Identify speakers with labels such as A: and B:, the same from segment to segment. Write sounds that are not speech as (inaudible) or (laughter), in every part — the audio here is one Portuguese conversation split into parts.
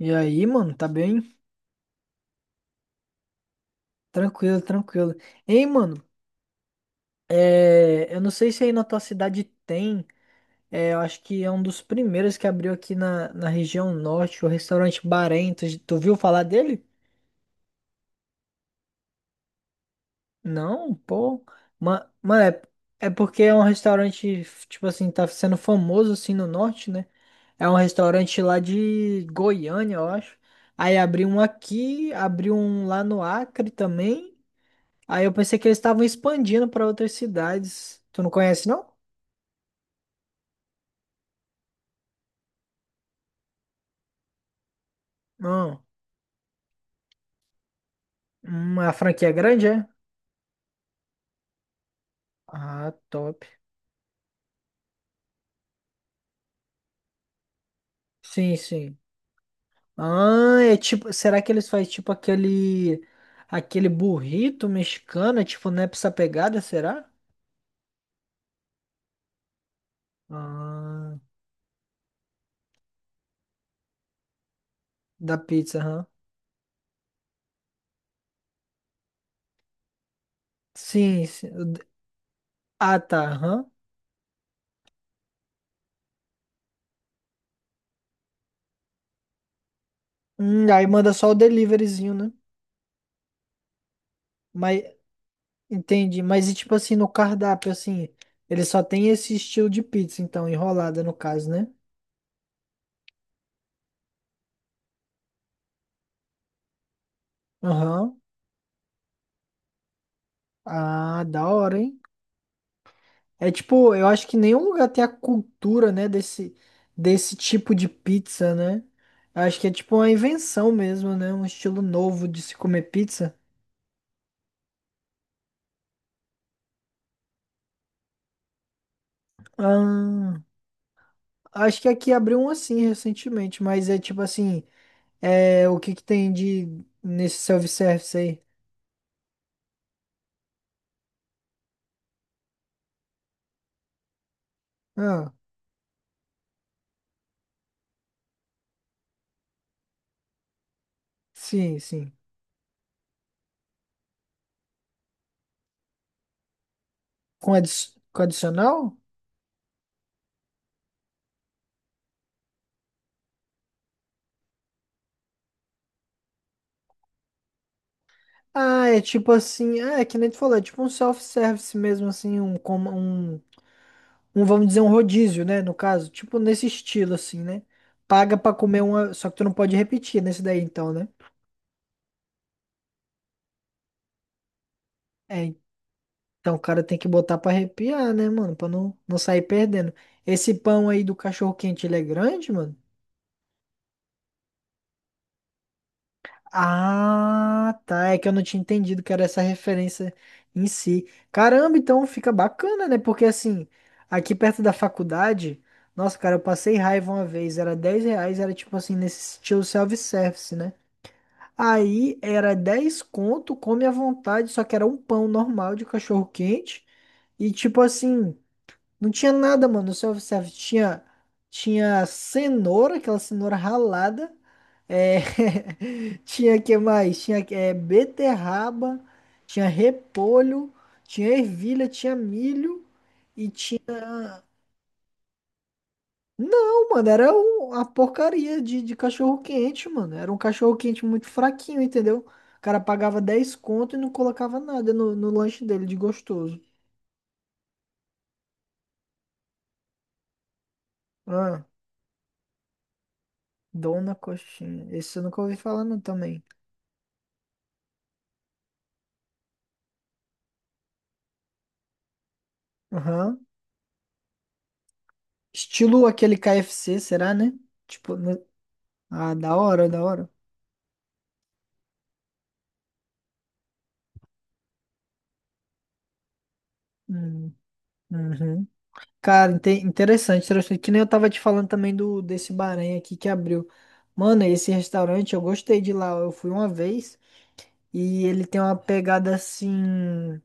A: E aí, mano, tá bem? Tranquilo, tranquilo. Ei, mano, eu não sei se aí na tua cidade tem, eu acho que é um dos primeiros que abriu aqui na região norte, o restaurante Bahrein. Tu viu falar dele? Não, pô. Mano, é porque é um restaurante, tipo assim, tá sendo famoso assim no norte, né? É um restaurante lá de Goiânia, eu acho. Aí abriu um aqui, abriu um lá no Acre também. Aí eu pensei que eles estavam expandindo pra outras cidades. Tu não conhece, não? Não. A franquia é grande, é? Ah, top. Sim, sim. Ah, é tipo, será que eles fazem tipo aquele burrito mexicano, é tipo nessa pegada, será? Ah, da pizza, aham. Sim, sim. Ah, tá, aham. Aí manda só o deliveryzinho, né? Mas entendi, mas e tipo assim no cardápio assim, ele só tem esse estilo de pizza, então enrolada no caso, né? Aham. Ah, da hora, hein? É tipo, eu acho que nenhum lugar tem a cultura, né, desse tipo de pizza, né? Eu acho que é tipo uma invenção mesmo, né? Um estilo novo de se comer pizza. Ah, acho que aqui abriu um assim recentemente, mas é tipo assim, o que que tem de nesse self-service aí? Ah, sim, sim. Com, adi com adicional? Ah, é tipo assim, é que nem tu falou, é tipo um self-service mesmo, assim, um, vamos dizer, um rodízio, né? No caso, tipo nesse estilo, assim, né? Paga pra comer uma. Só que tu não pode repetir nesse daí, então, né? É, então o cara tem que botar pra arrepiar, né, mano? Pra não sair perdendo. Esse pão aí do cachorro-quente, ele é grande, mano? Ah, tá. É que eu não tinha entendido que era essa referência em si. Caramba, então fica bacana, né? Porque assim, aqui perto da faculdade. Nossa, cara, eu passei raiva uma vez, era R$ 10, era tipo assim, nesse estilo self-service, né? Aí era 10 conto, come à vontade, só que era um pão normal de cachorro quente. E tipo assim, não tinha nada, mano. No self-service tinha cenoura, aquela cenoura ralada. É, (laughs) tinha que mais? Tinha beterraba, tinha repolho, tinha ervilha, tinha milho e tinha. Não, mano, era uma porcaria de cachorro quente, mano. Era um cachorro quente muito fraquinho, entendeu? O cara pagava 10 conto e não colocava nada no lanche dele de gostoso. Ah, Dona Coxinha. Esse eu nunca ouvi falar, não, também. Aham. Estilo aquele KFC, será, né? Tipo, né? Ah, da hora, da hora. Hum, uhum. Cara, interessante, interessante. Que nem eu tava te falando também do desse Bahrein aqui que abriu. Mano, esse restaurante, eu gostei de lá. Eu fui uma vez. E ele tem uma pegada assim,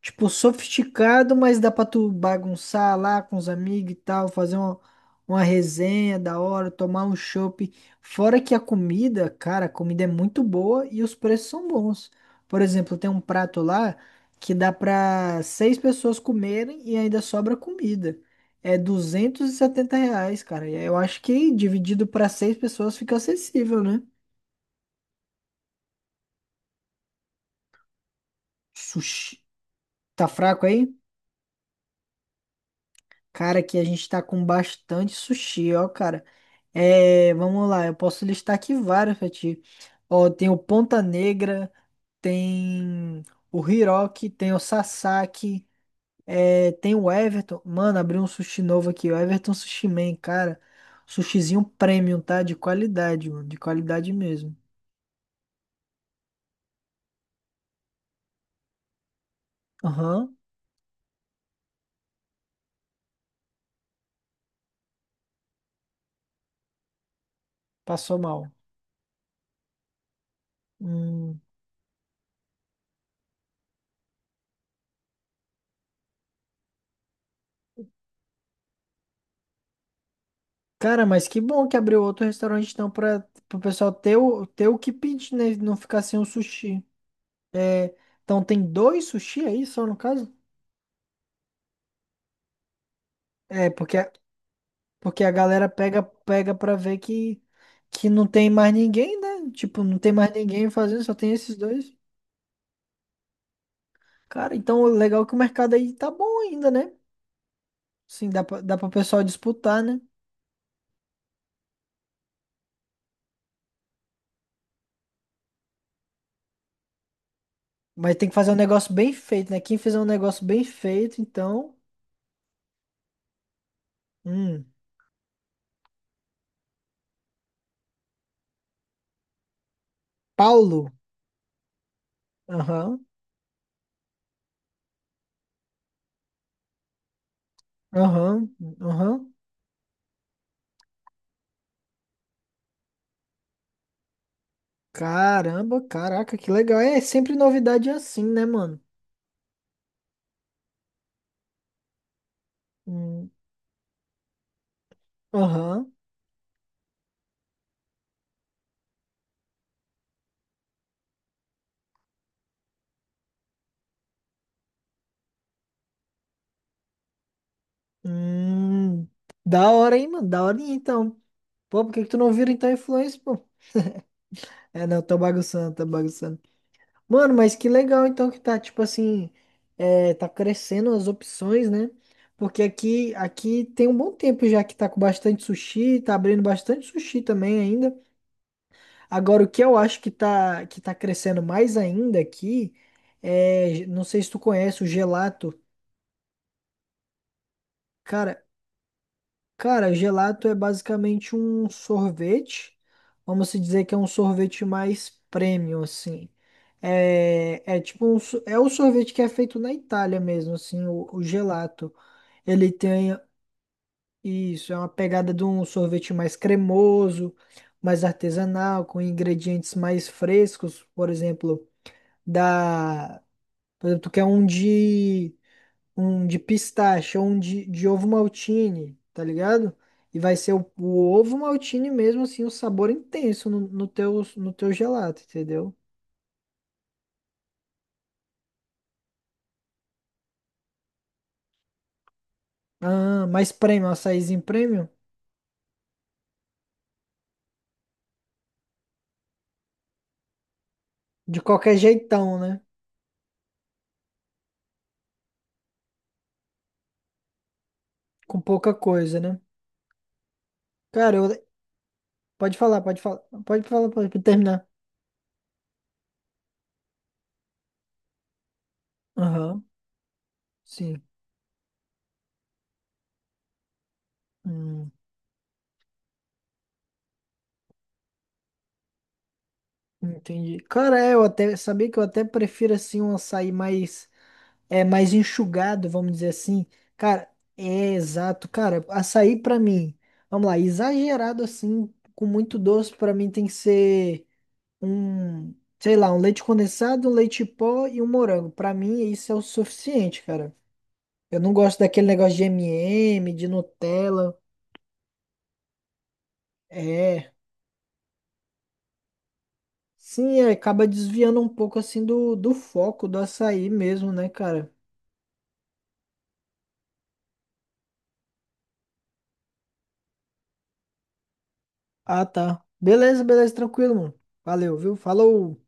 A: tipo, sofisticado, mas dá pra tu bagunçar lá com os amigos e tal, fazer uma resenha da hora, tomar um chopp. Fora que a comida, cara, a comida é muito boa e os preços são bons. Por exemplo, tem um prato lá que dá pra seis pessoas comerem e ainda sobra comida. É R$ 270, cara. Eu acho que dividido pra seis pessoas fica acessível, né? Sushi. Tá fraco aí? Cara, aqui a gente tá com bastante sushi, ó, cara. É, vamos lá, eu posso listar aqui vários pra ti. Ó, tem o Ponta Negra, tem o Hiroki, tem o Sasaki, tem o Everton. Mano, abriu um sushi novo aqui, o Everton Sushi Man, cara. Sushizinho premium, tá? De qualidade, mano, de qualidade mesmo. Aham, passou mal. Hum, cara, mas que bom que abriu outro restaurante então pra, pro pessoal ter o que pedir, né? Não ficar sem o sushi. É, então tem dois sushi aí só no caso? É, porque, porque a galera pega pega pra ver que não tem mais ninguém, né? Tipo, não tem mais ninguém fazendo, só tem esses dois. Cara, então legal é que o mercado aí tá bom ainda, né? Sim, dá pro pessoal disputar, né? Mas tem que fazer um negócio bem feito, né? Quem fizer um negócio bem feito, então. Hum, Paulo. Aham, aham, aham. Caramba, caraca, que legal. É sempre novidade assim, né, mano? Hum, Aham. Hum, da hora, hein, mano? Da hora, então. Pô, por que que tu não vira, então, influência, pô? É, não, tô bagunçando, tô bagunçando. Mano, mas que legal, então, que tá, tipo assim, tá crescendo as opções, né? Porque aqui tem um bom tempo já que tá com bastante sushi, tá abrindo bastante sushi também ainda. Agora, o que eu acho que tá, crescendo mais ainda aqui, não sei se tu conhece o gelato. Cara, Cara, gelato é basicamente um sorvete. Vamos se dizer que é um sorvete mais premium, assim. É tipo é o sorvete que é feito na Itália mesmo, assim, o gelato. Ele tem isso, é uma pegada de um sorvete mais cremoso, mais artesanal, com ingredientes mais frescos, da, por exemplo, tu quer um de pistache ou um de ovo maltine, tá ligado? E vai ser o ovo maltine mesmo, assim, o sabor intenso no teu gelato, entendeu? Ah, mas premium, açaizinho premium? De qualquer jeitão, né? Com pouca coisa, né? Cara, pode falar, pode falar, pode falar, pode terminar. Aham, sim. Hum, entendi. Cara, eu até sabia que eu até prefiro assim um açaí mais mais enxugado, vamos dizer assim. Cara, é exato, cara. Açaí pra mim, vamos lá, exagerado assim, com muito doce, pra mim tem que ser um, sei lá, um leite condensado, um leite pó e um morango. Pra mim isso é o suficiente, cara. Eu não gosto daquele negócio de M&M, de Nutella. É. Sim, acaba desviando um pouco assim do foco do açaí mesmo, né, cara? Ah, tá. Beleza, beleza, tranquilo, mano. Valeu, viu? Falou.